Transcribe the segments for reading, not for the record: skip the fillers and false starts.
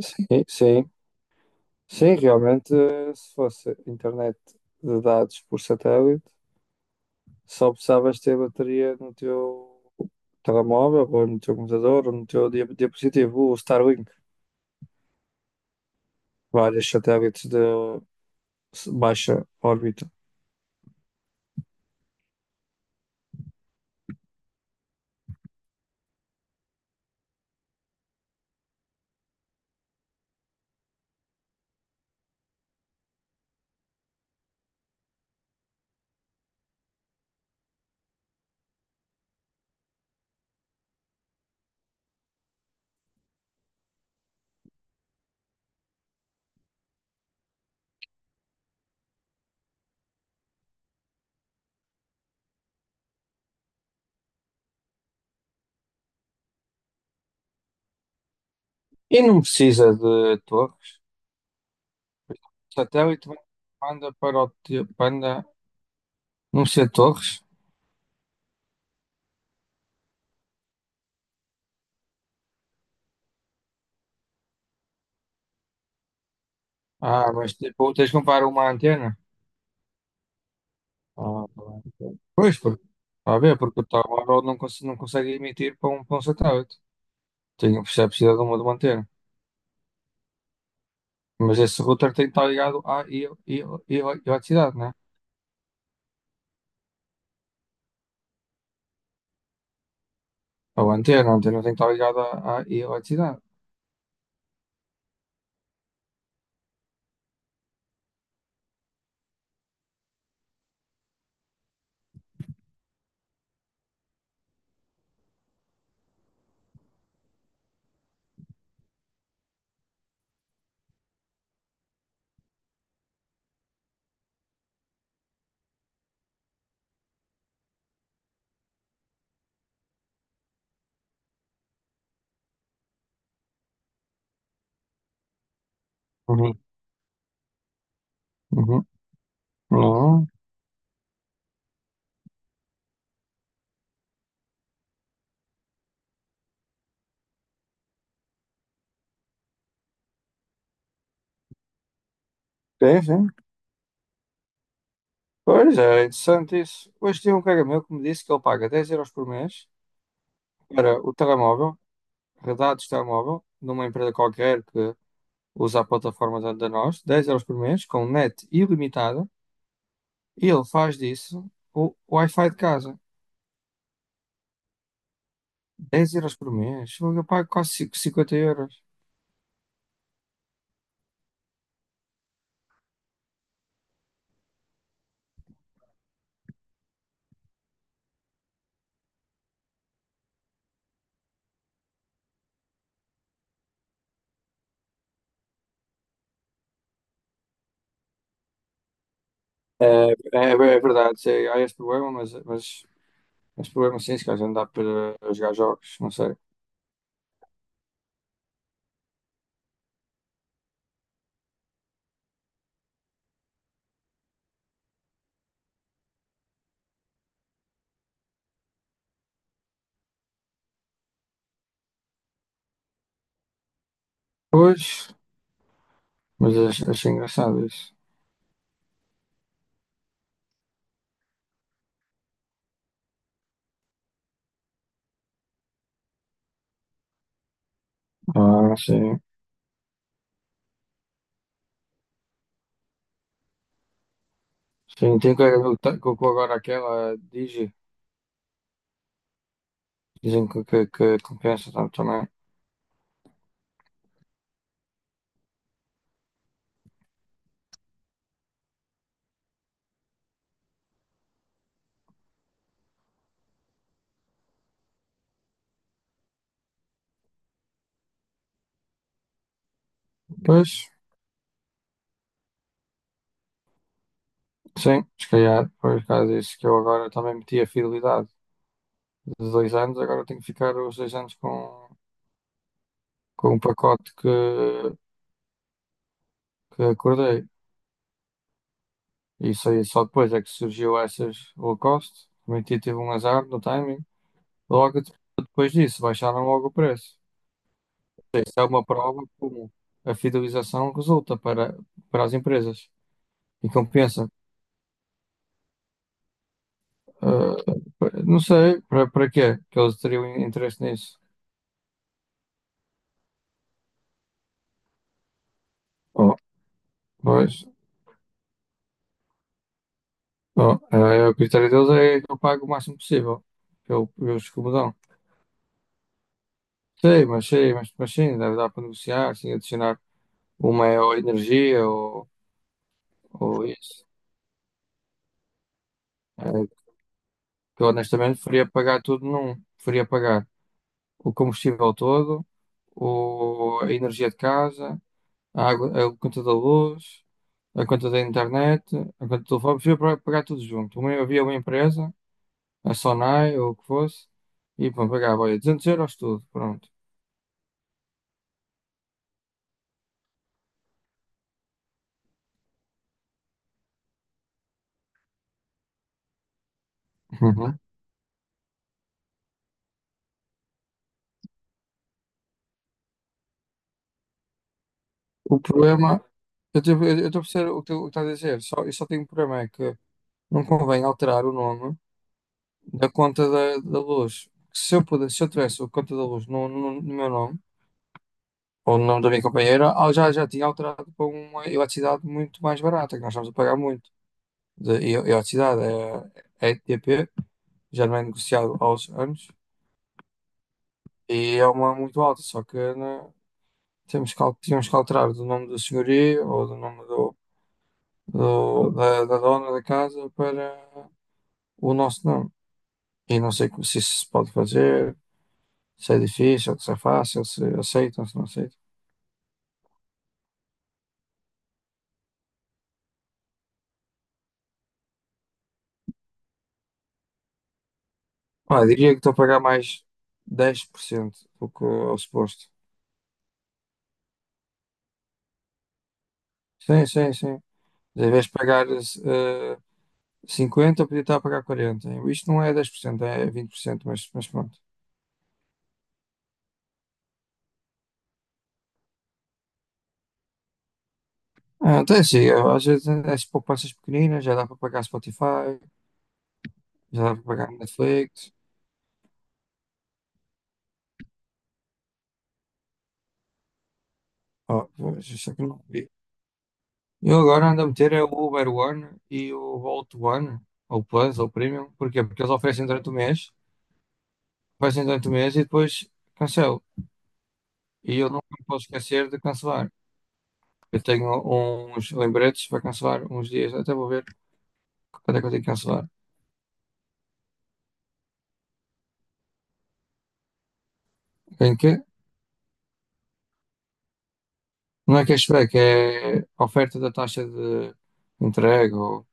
Sim, sim, sim, realmente, se fosse internet de dados por satélite, só precisavas ter bateria no teu telemóvel, ou no teu computador, ou no teu dispositivo, o Starlink, vários satélites de baixa órbita. E não precisa de torres. O satélite manda para o teu, manda, não precisa de torres. Ah, mas tipo, tens de comprar uma antena. Ah, pois, porque, está a ver, porque o telemóvel não, não consegue emitir para um satélite. Tem a precisa de uma antena. Mas esse router tem que estar ligado à e- eletricidade, né? Ou a antena tem que estar ligada à eletricidade. Uhum. Uhum. Não. Sim, sim. Pois, é interessante isso. Hoje tinha um colega meu que me disse que ele paga 10 euros por mês para o telemóvel, redados de telemóvel, numa empresa qualquer que usa a plataforma da nós, 10 euros por mês, com net ilimitada, e ele faz disso o Wi-Fi de casa. 10 euros por mês. Fogo, eu pago quase 50 euros. É verdade, sei. Há esse problema, mas esse problema sim, se calhar não dá para jogar jogos, não sei. Pois, mas achei engraçado isso. Ah, sim. Sim, tem colega meu que colocou agora aquela Digi. Dizem que compensa tanto também. Pois, sim, se calhar, por causa disso que eu agora também meti a fidelidade de 2 anos, agora tenho que ficar os 2 anos com o pacote que acordei. Isso aí só depois é que surgiu essas Lacoste. Também tive um azar no timing. Logo depois disso, baixaram logo o preço. Isso é uma prova como a fidelização resulta para as empresas. E compensa. Ah, não sei para quê que eles teriam interesse nisso. Oh, pois, oh, é o critério deles é que eu pago o máximo possível pelo, pelos que me dão. Sei, mas sei, mas sim, deve dar para negociar, sim, adicionar. Uma é ou energia ou isso. É, que eu honestamente preferia pagar tudo num. Preferia pagar o combustível todo, o, a energia de casa, a água, a conta da luz, a conta da internet, a conta do telefone. Preferia pagar tudo junto. Uma, havia uma empresa, a Sonai ou o que fosse, e pronto, pagava, olha, 200 euros tudo, pronto. Uhum. O problema, eu estou a perceber o que tu estás a dizer, só, eu só tenho um problema, é que não convém alterar o nome da conta da luz. Se eu pudesse, se eu tivesse a conta da luz no meu nome, ou no nome da minha companheira, ah, já tinha alterado para uma eletricidade muito mais barata, que nós estamos a pagar muito. De eletricidade é ETP, já não é negociado aos anos, e é uma muito alta, só que né, temos que, tínhamos que alterar do nome do senhorio ou do nome da dona da casa para o nosso nome. E não sei se isso se pode fazer, se é difícil, se é fácil, se aceitam, se não aceitam. Ah, eu diria que estou a pagar mais 10% do que ao suposto. Sim, sim, sim. Em vez de pagar 50, eu podia estar a pagar 40. Isto não é 10%, é 20%, mas pronto. Ah, então é assim, eu, às vezes as poupanças pequeninas já dá para pagar Spotify, já dá para pagar Netflix. Oh, só que não vi. Eu agora ando a meter é o Uber One e o Volt One, ou Plus, ou Premium. Porquê? Porque eles oferecem durante o mês e depois cancelam. E eu nunca me posso esquecer de cancelar. Eu tenho uns lembretes para cancelar uns dias. Até vou ver quando é que eu tenho que cancelar. Em que? Não é cashback, é oferta da taxa de entrega. Ou.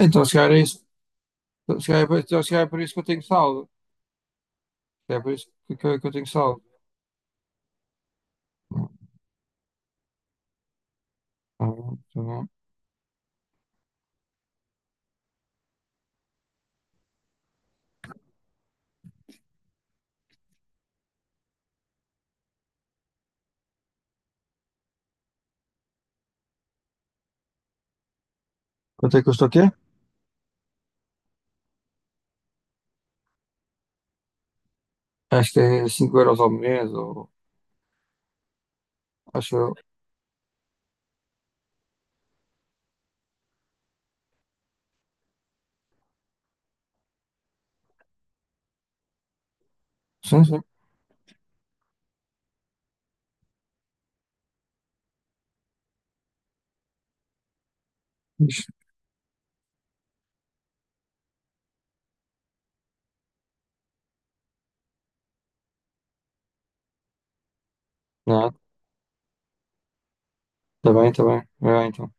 Então, se calhar é isso. Se calhar, então, se calhar é por isso que eu tenho saldo. Se calhar é por isso que eu tenho saldo. Tá bom, tá bom. Quanto é que custa o quê? Acho que é 5 euros ao mês. Ou. Acho eu. Sim, sim. Não, está bem, está bem. Vai lá, então.